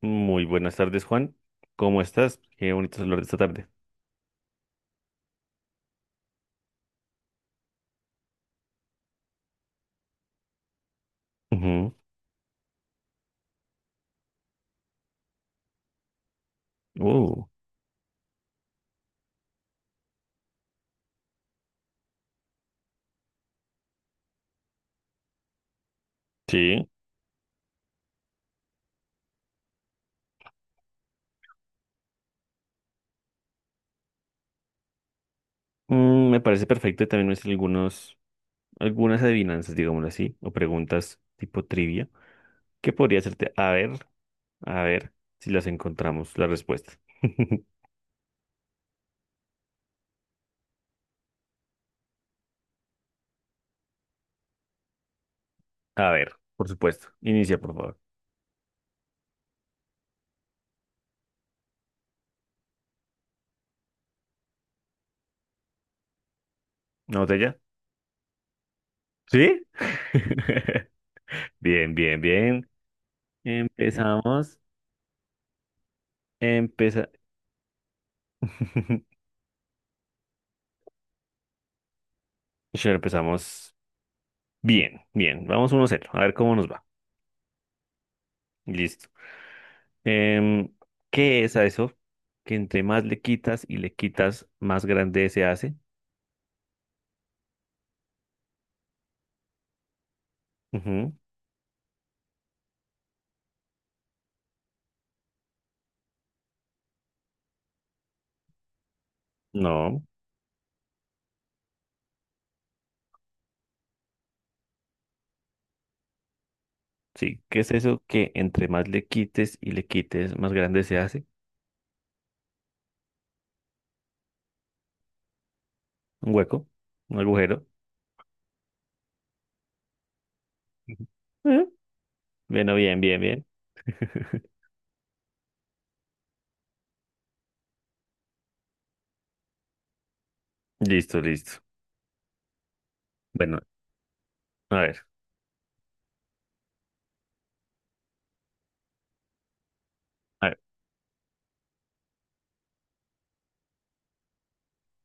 Muy buenas tardes, Juan. ¿Cómo estás? Qué bonito hablar de esta tarde. Ujú. Uh, sí. Me parece perfecto. Y también me hice algunos, algunas adivinanzas, digámoslo así, o preguntas tipo trivia. ¿que podría hacerte? A ver si las encontramos, la respuesta. A ver, por supuesto. Inicia, por favor. ¿Una botella? ¿Sí? Bien, bien, bien. Empezamos. Empeza... Ya empezamos bien, bien. Vamos 1-0. A ver cómo nos va. Listo. Em, ¿Qué es a eso? Que entre más le quitas y le quitas, más grande se hace. Ujú, no, sí. ¿Qué es eso? Que entre más le quites y le quites, más grande se hace. Un hueco, un agujero. Ujú. Eh, Bueno, bien, bien, bien. Listo, listo. Bueno, a ver, a ver.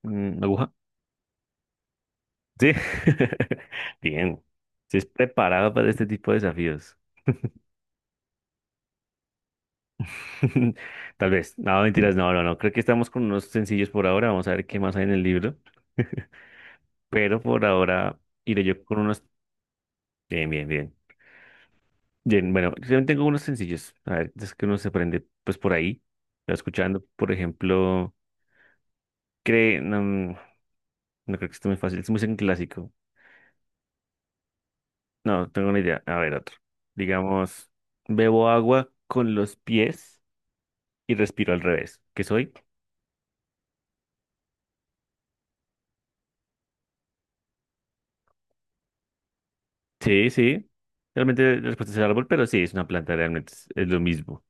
¿Aguja? Sí. Bien. Si es preparado para este tipo de desafíos. Tal vez. No, mentiras, no, no, no. Creo que estamos con unos sencillos por ahora. Vamos a ver qué más hay en el libro. Pero por ahora iré yo con unos. Bien, bien, bien. Bien, bueno, yo también tengo unos sencillos. A ver, es que uno se aprende pues por ahí. Lo escuchando, por ejemplo, cree, no, no creo que esté muy fácil. Es muy en clásico. No, tengo una idea. A ver, otro. Digamos, bebo agua con los pies y respiro al revés. ¿Qué soy? Sí, sí. Realmente la respuesta es el árbol, pero sí, es una planta, realmente es lo mismo.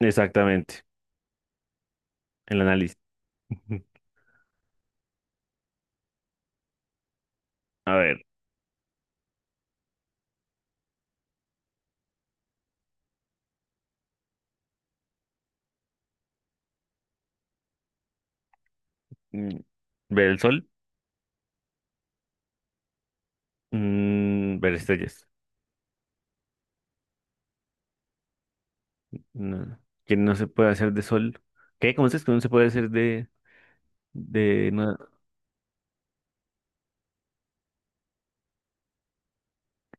Exactamente. El análisis. A ver, mm, ver el sol. Ver estrellas. No, que no se puede hacer de sol. ¿Qué? ¿Cómo dices que no se puede hacer de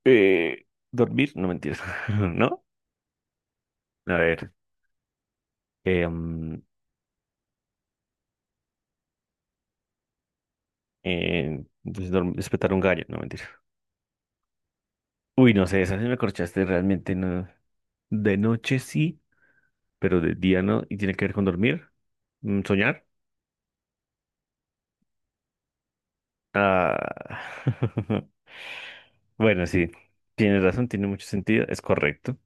eh, dormir? No mentiras. ¿No? A ver. eh, mm, pues, despertar un gallo. No mentiras. Uy, no sé, esa sí me corchaste realmente. No. De noche sí, pero de día no. ¿Y tiene que ver con dormir? ¿Soñar? Ah. Bueno, sí. Tienes razón, tiene mucho sentido. Es correcto.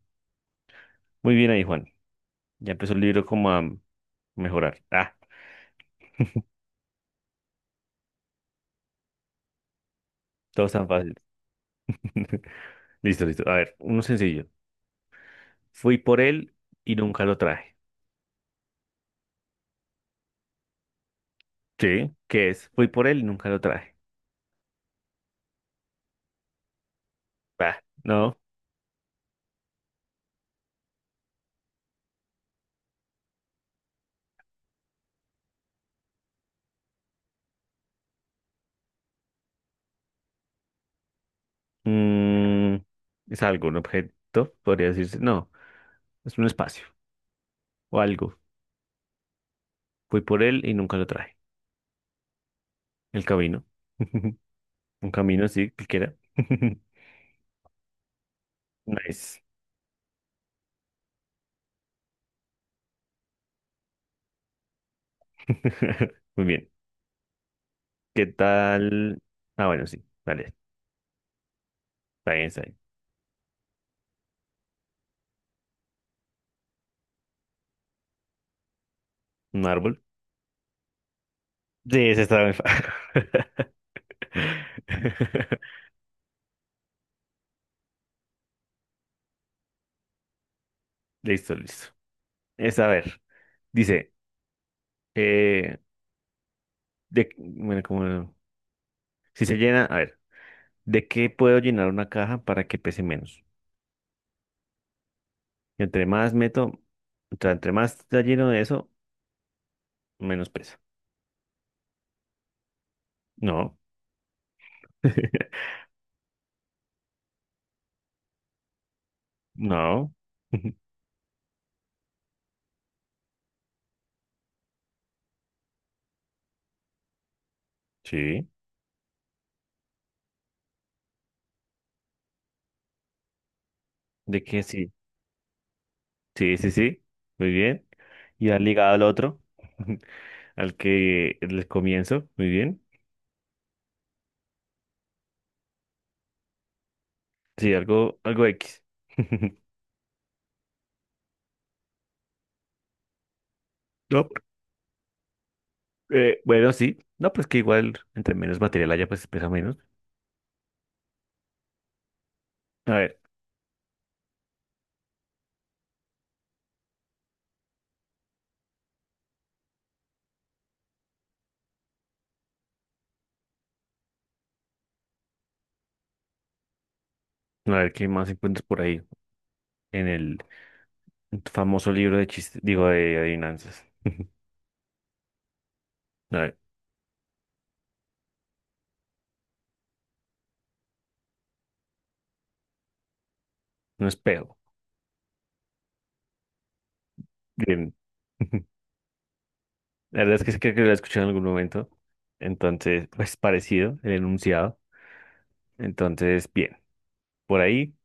Muy bien ahí, Juan. Ya empezó el libro como a mejorar. Ah, todo es tan fácil. Listo, listo. A ver, uno sencillo. Fui por él y nunca lo traje. Sí. ¿Qué es? Fui por él y nunca lo traje. Bah, no. Mm, es algo, un objeto, podría decirse. No, es un espacio o algo. Fui por él y nunca lo traje. El camino. Un camino, sí, cualquiera. Nice. Muy bien. ¿Qué tal? Ah, bueno, sí. Vale, está bien, está bien. Un árbol. Sí, ese está muy fácil. Listo, listo. Es a ver, dice, eh, de, bueno, como, si se llena, a ver, ¿de qué puedo llenar una caja para que pese menos? Entre más meto, o sea, entre más está lleno de eso, menos pesa. No, no, sí, ¿de qué sí? Sí, sí, sí, muy bien. Y al ligado al otro, al que les comienzo, muy bien. Sí, algo, algo X. No, bueno, sí, no, pues que igual entre menos material haya, pues pesa menos. A ver, a ver qué más encuentras por ahí en el famoso libro de chistes, digo, de adivinanzas. A ver, un espejo. Bien. La verdad es que sí creo que lo he escuchado en algún momento. Entonces, pues parecido el enunciado. Entonces, bien, por ahí.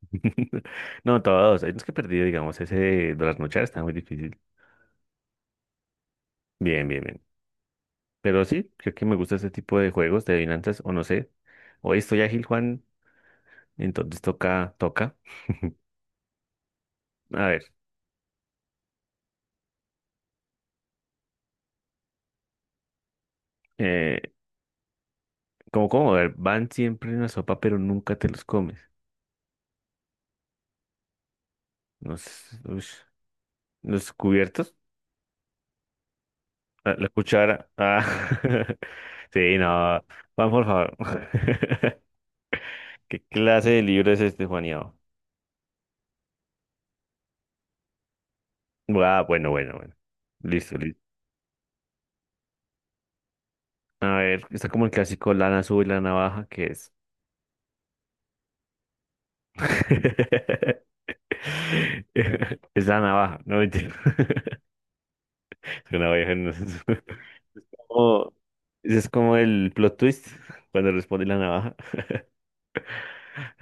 No, todos. Hay unos que he perdido, digamos, ese de las noches está muy difícil. Bien, bien, bien. Pero sí, creo que me gusta este tipo de juegos de adivinanzas, o no sé. Hoy estoy ágil, Juan. Entonces toca, toca. A ver, eh, como, a ver, van siempre en la sopa, pero nunca te los comes. Los, ush, los cubiertos, la cuchara. Ah. Sí, no. Juan, por favor. ¿Qué clase de libro es este, Juaniao? Ah, ah, bueno, bueno, bueno. Listo, listo. A ver, está como el clásico lana sube y lana baja, ¿qué es? Es la navaja, no mentira. Es una navaja. No es- Oh, ese es como el plot twist cuando responde la navaja.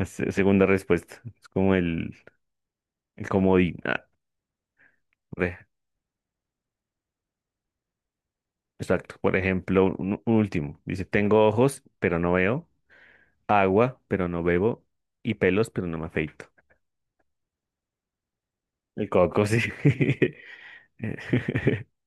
Segunda respuesta. Es como el comodín. Ah, re- exacto. Por ejemplo, un último. Dice, tengo ojos, pero no veo. Agua, pero no bebo. Y pelos, pero no me afeito. El coco, sí.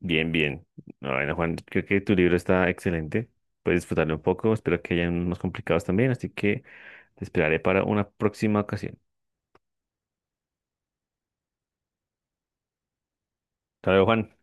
Bien, bien. No, bueno, Juan, creo que tu libro está excelente. Puedes disfrutarlo un poco. Espero que hayan unos complicados también. Así que te esperaré para una próxima ocasión. Hasta luego, Juan.